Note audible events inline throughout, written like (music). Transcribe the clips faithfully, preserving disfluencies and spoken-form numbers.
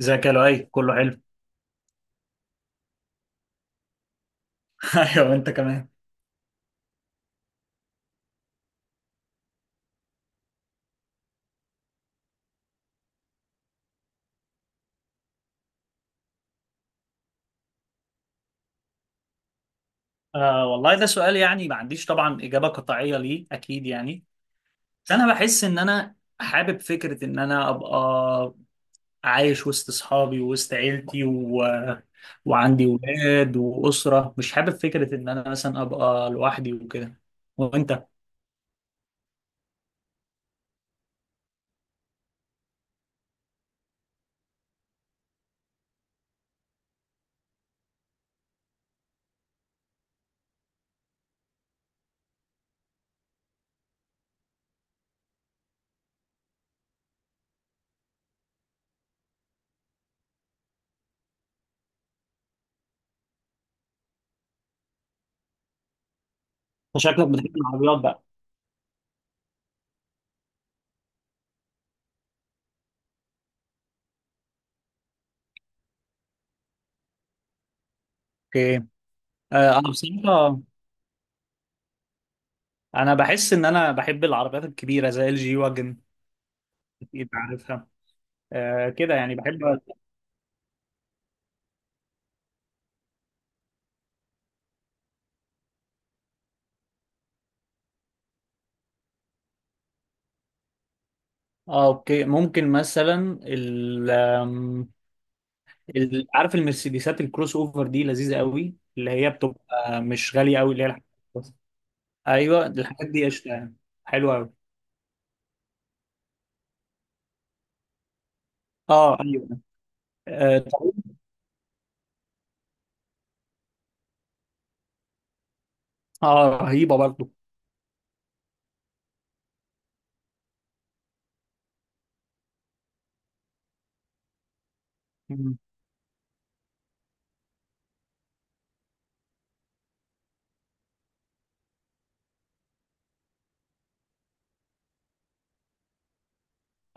ازيك يا لؤي، كله حلو. (laughs) ايوه وانت كمان. آه، والله ده سؤال يعني ما عنديش طبعا اجابه قطعيه ليه، اكيد يعني. بس انا بحس ان انا حابب فكره ان انا ابقى عايش وسط اصحابي ووسط عيلتي و... وعندي ولاد واسره، مش حابب فكره ان انا مثلا ابقى لوحدي وكده. وانت؟ أنت شكلك بتحب العربيات بقى؟ اوكي. آه انا بصراحه انا بحس ان انا بحب العربيات الكبيره زي الجي واجن، اكيد عارفها. آه كده يعني، بحب. اه اوكي. ممكن مثلا ال آم، ال- عارف المرسيدسات الكروس اوفر دي لذيذه قوي، اللي هي بتبقى مش غاليه قوي، اللي هي الحاجات بس. ايوه الحاجات دي قشطه يعني، حلوه قوي. اه ايوه. اه طب- آه، رهيبه برضه. مم.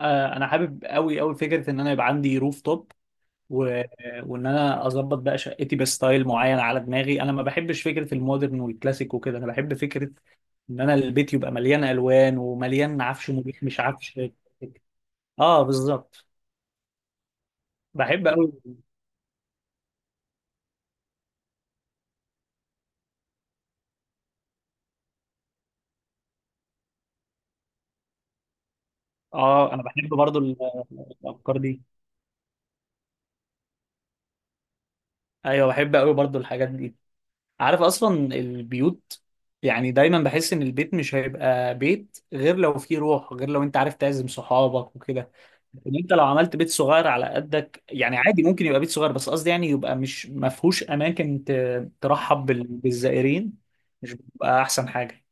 آه، انا حابب قوي قوي فكره ان انا يبقى عندي روف توب و... وان انا اظبط بقى شقتي بستايل معين على دماغي، انا ما بحبش فكره المودرن والكلاسيك وكده، انا بحب فكره ان انا البيت يبقى مليان الوان ومليان عفش مريح مش عفش. اه بالظبط. بحب قوي. اه انا بحب برضو ال- الافكار دي. ايوه بحب قوي برضو الحاجات دي. عارف اصلا البيوت يعني، دايما بحس ان البيت مش هيبقى بيت غير لو فيه روح، غير لو انت عارف تعزم صحابك وكده. ان انت لو عملت بيت صغير على قدك يعني عادي، ممكن يبقى بيت صغير بس قصدي يعني يبقى مش ما فيهوش اماكن ت- ترحب بال- بالزائرين. مش بيبقى احسن حاجة؟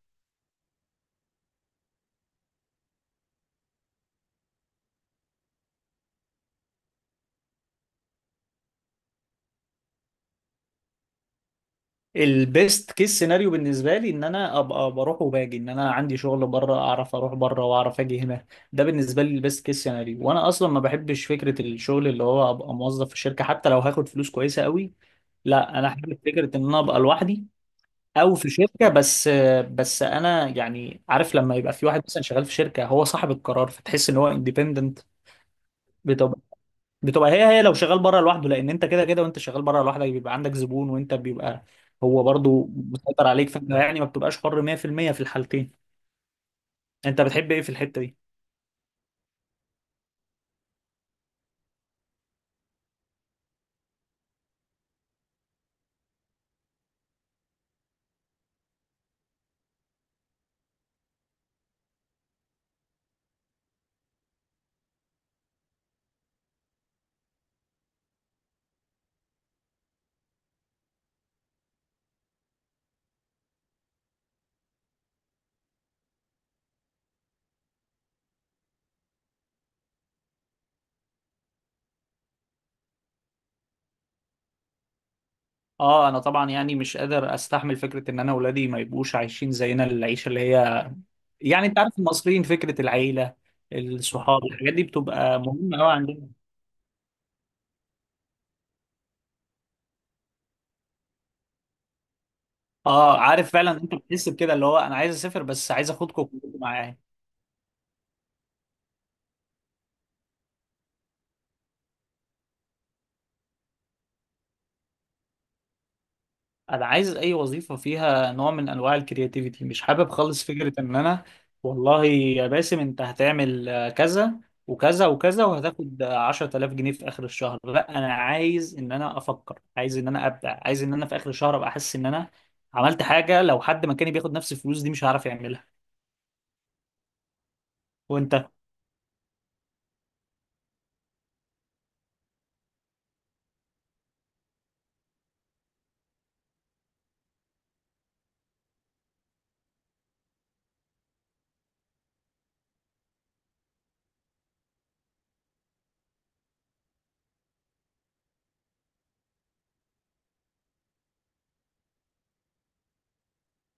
البيست كيس سيناريو بالنسبه لي ان انا ابقى بروح وباجي، ان انا عندي شغل بره، اعرف اروح بره واعرف اجي هنا. ده بالنسبه لي البيست كيس سيناريو. وانا اصلا ما بحبش فكره الشغل اللي هو ابقى موظف في الشركه، حتى لو هاخد فلوس كويسه قوي. لا انا احب فكره ان انا ابقى لوحدي او في شركه بس. بس انا يعني عارف لما يبقى في واحد مثلا شغال في شركه هو صاحب القرار، فتحس ان هو اندبندنت. بتبقى هي هي لو شغال بره لوحده، لان انت كده كده وانت شغال بره لوحدك بيبقى عندك زبون، وانت بيبقى هو برضو مسيطر عليك، فانت يعني ما بتبقاش حر مية في المية في المية في الحالتين. انت بتحب ايه في الحتة دي؟ اه انا طبعا يعني مش قادر استحمل فكرة ان انا اولادي ما يبقوش عايشين زينا، العيشة اللي هي يعني انت عارف المصريين فكرة العيلة، الصحاب، الحاجات دي بتبقى مهمة قوي عندنا. اه، عارف فعلا انت بتحس بكده، اللي هو انا عايز اسافر بس عايز اخدكم كلكم معايا. انا عايز اي وظيفه فيها نوع من انواع الكرياتيفيتي، مش حابب خالص فكره ان انا والله يا باسم انت هتعمل آه، كذا وكذا وكذا وهتاخد آه، عشر تلاف جنيه في اخر الشهر. لا انا عايز ان انا افكر، عايز ان انا ابدع، عايز ان انا في اخر الشهر ابقى احس ان انا عملت حاجه لو حد مكاني بياخد نفس الفلوس دي مش هعرف يعملها. وانت؟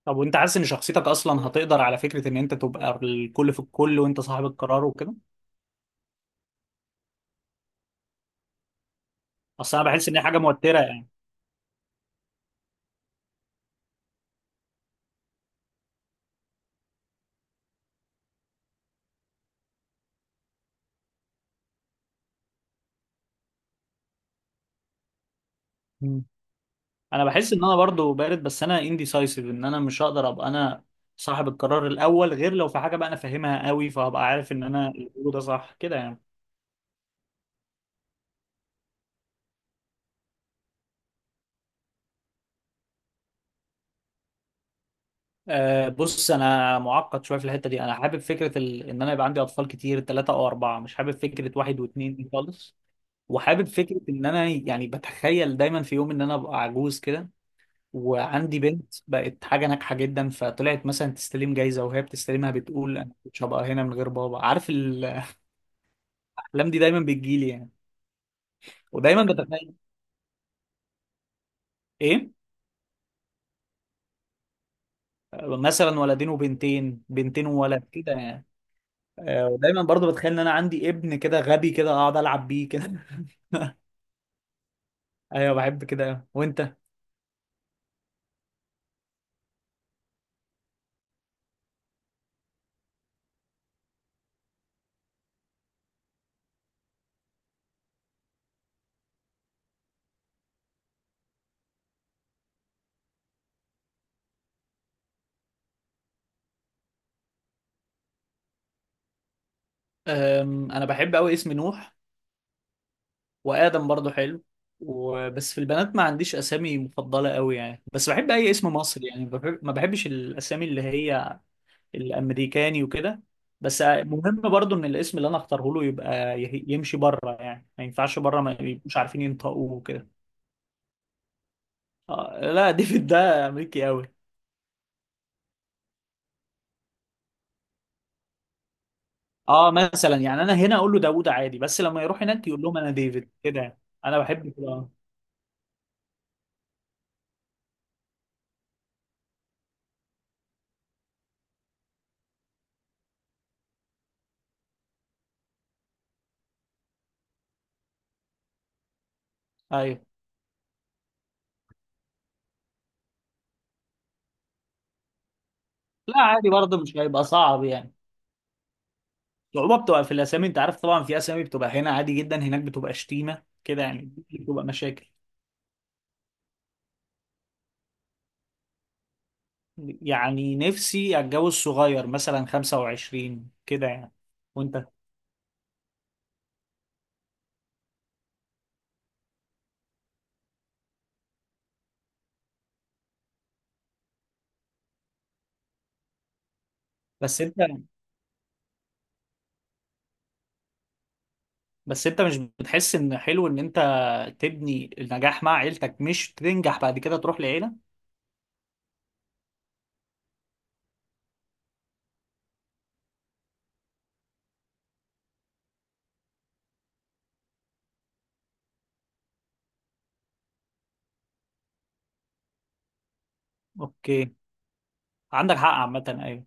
طب وانت حاسس ان شخصيتك اصلا هتقدر على فكره ان انت تبقى الكل في الكل وانت صاحب القرار وكده؟ اصل انا بحس ان هي حاجه موتره يعني. انا بحس ان انا برضو بارد، بس انا indecisive، ان انا مش هقدر ابقى انا صاحب القرار الاول، غير لو في حاجه بقى انا فاهمها قوي فهبقى عارف ان انا اللي بقوله ده صح كده يعني. أه بص، انا معقد شويه في الحته دي، انا حابب فكره ال... ان انا يبقى عندي اطفال كتير، ثلاثة او اربعة، مش حابب فكره واحد واثنين دي خالص. وحابب فكره ان انا يعني بتخيل دايما في يوم ان انا ابقى عجوز كده، وعندي بنت بقت حاجه ناجحه جدا، فطلعت مثلا تستلم جايزه وهي بتستلمها بتقول انا مش هبقى هنا من غير بابا، عارف الاحلام دي دايما بتجيلي يعني. ودايما بتخيل. ايه؟ مثلا ولدين وبنتين، بنتين وولد كده يعني. آه، ودايما برضو بتخيل ان انا عندي ابن كده غبي كده اقعد العب بيه كده. (laughs) ايوه بحب كده. وانت؟ أم، انا بحب قوي اسم نوح، وادم برضو حلو. وبس في البنات ما عنديش اسامي مفضله قوي يعني، بس بحب اي اسم مصري يعني بحب... ما بحبش الاسامي اللي هي الامريكاني وكده. بس مهم برضو ان الاسم اللي انا اختاره له يبقى يه- يمشي بره يعني، ما ينفعش بره ما يبقوش عارفين ينطقوه وكده. آه لا، ديفيد ده امريكي قوي. اه مثلا يعني انا هنا اقول له داوود عادي، بس لما يروح هناك يقول لهم انا ديفيد كده يعني. انا بحب كده آه. ايوه. لا عادي برضه، مش هيبقى صعب يعني. الصعوبه بتبقى في الاسامي، انت عارف طبعا في اسامي بتبقى هنا عادي جدا، هناك بتبقى شتيمه كده يعني، بتبقى مشاكل. يعني نفسي اتجوز صغير، مثلا خمسة وعشرين كده يعني. وانت؟ بس انت بس انت مش بتحس ان حلو ان انت تبني النجاح مع عيلتك مش تنجح بعد كده تروح لعيله؟ اوكي. عندك حق عامة أيوه.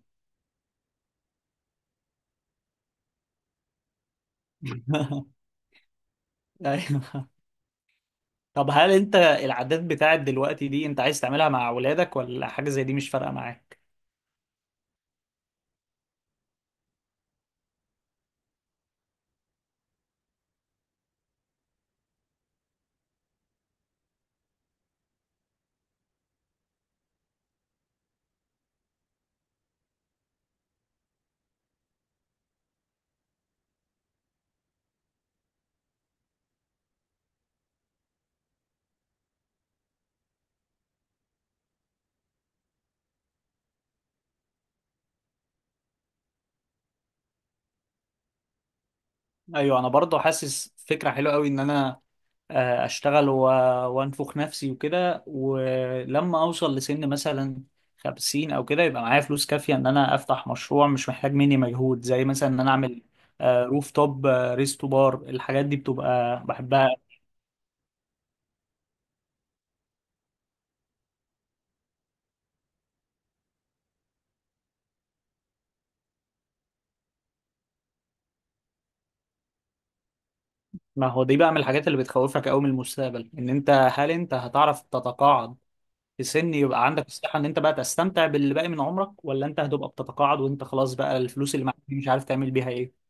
(laughs) أيوه. طب هل أنت العادات بتاعت دلوقتي دي أنت عايز تعملها مع أولادك ولا حاجة زي دي مش فارقة معاك؟ أيوه أنا برضه حاسس فكرة حلوة أوي إن أنا آه، أشتغل و... وأنفخ نفسي وكده، ولما أوصل لسن مثلا خمسين أو كده يبقى معايا فلوس كافية إن أنا أفتح مشروع مش محتاج مني مجهود، زي مثلا إن أنا أعمل آه، روف توب، آه، ريستو بار، الحاجات دي بتبقى بحبها. ما هو دي بقى من الحاجات اللي بتخوفك قوي من المستقبل، ان انت هل انت هتعرف تتقاعد في سن يبقى عندك الصحة ان انت بقى تستمتع باللي باقي من عمرك، ولا انت هتبقى بتتقاعد وانت خلاص بقى الفلوس اللي معاك دي مش عارف تعمل بيها ايه؟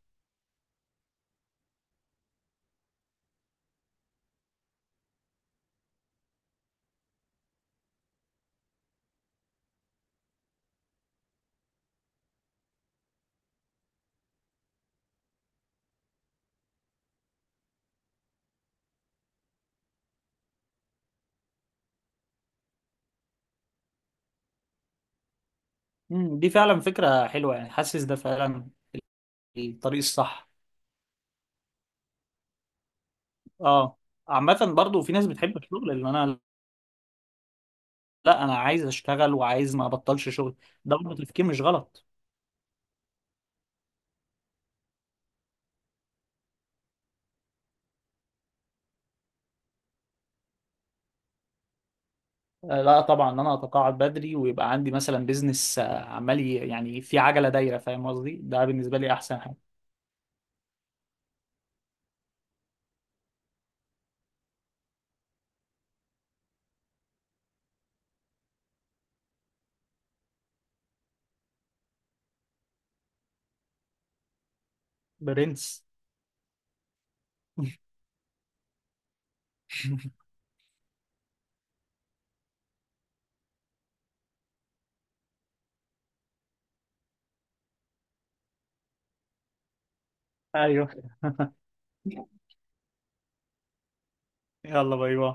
امم، دي فعلا فكرة حلوة يعني، حاسس ده فعلا الطريق الصح. اه عامة برضو في ناس بتحب الشغل، اللي انا لا انا عايز اشتغل وعايز ما ابطلش شغل، ده برضه تفكير مش غلط. آه، لا طبعا ان انا اتقاعد بدري ويبقى عندي مثلا بيزنس عمال ي- يعني في عجله دايره، فاهم قصدي، ده بالنسبه لي احسن حاجه. برنس. (laughs) ايوه يلا، باي باي.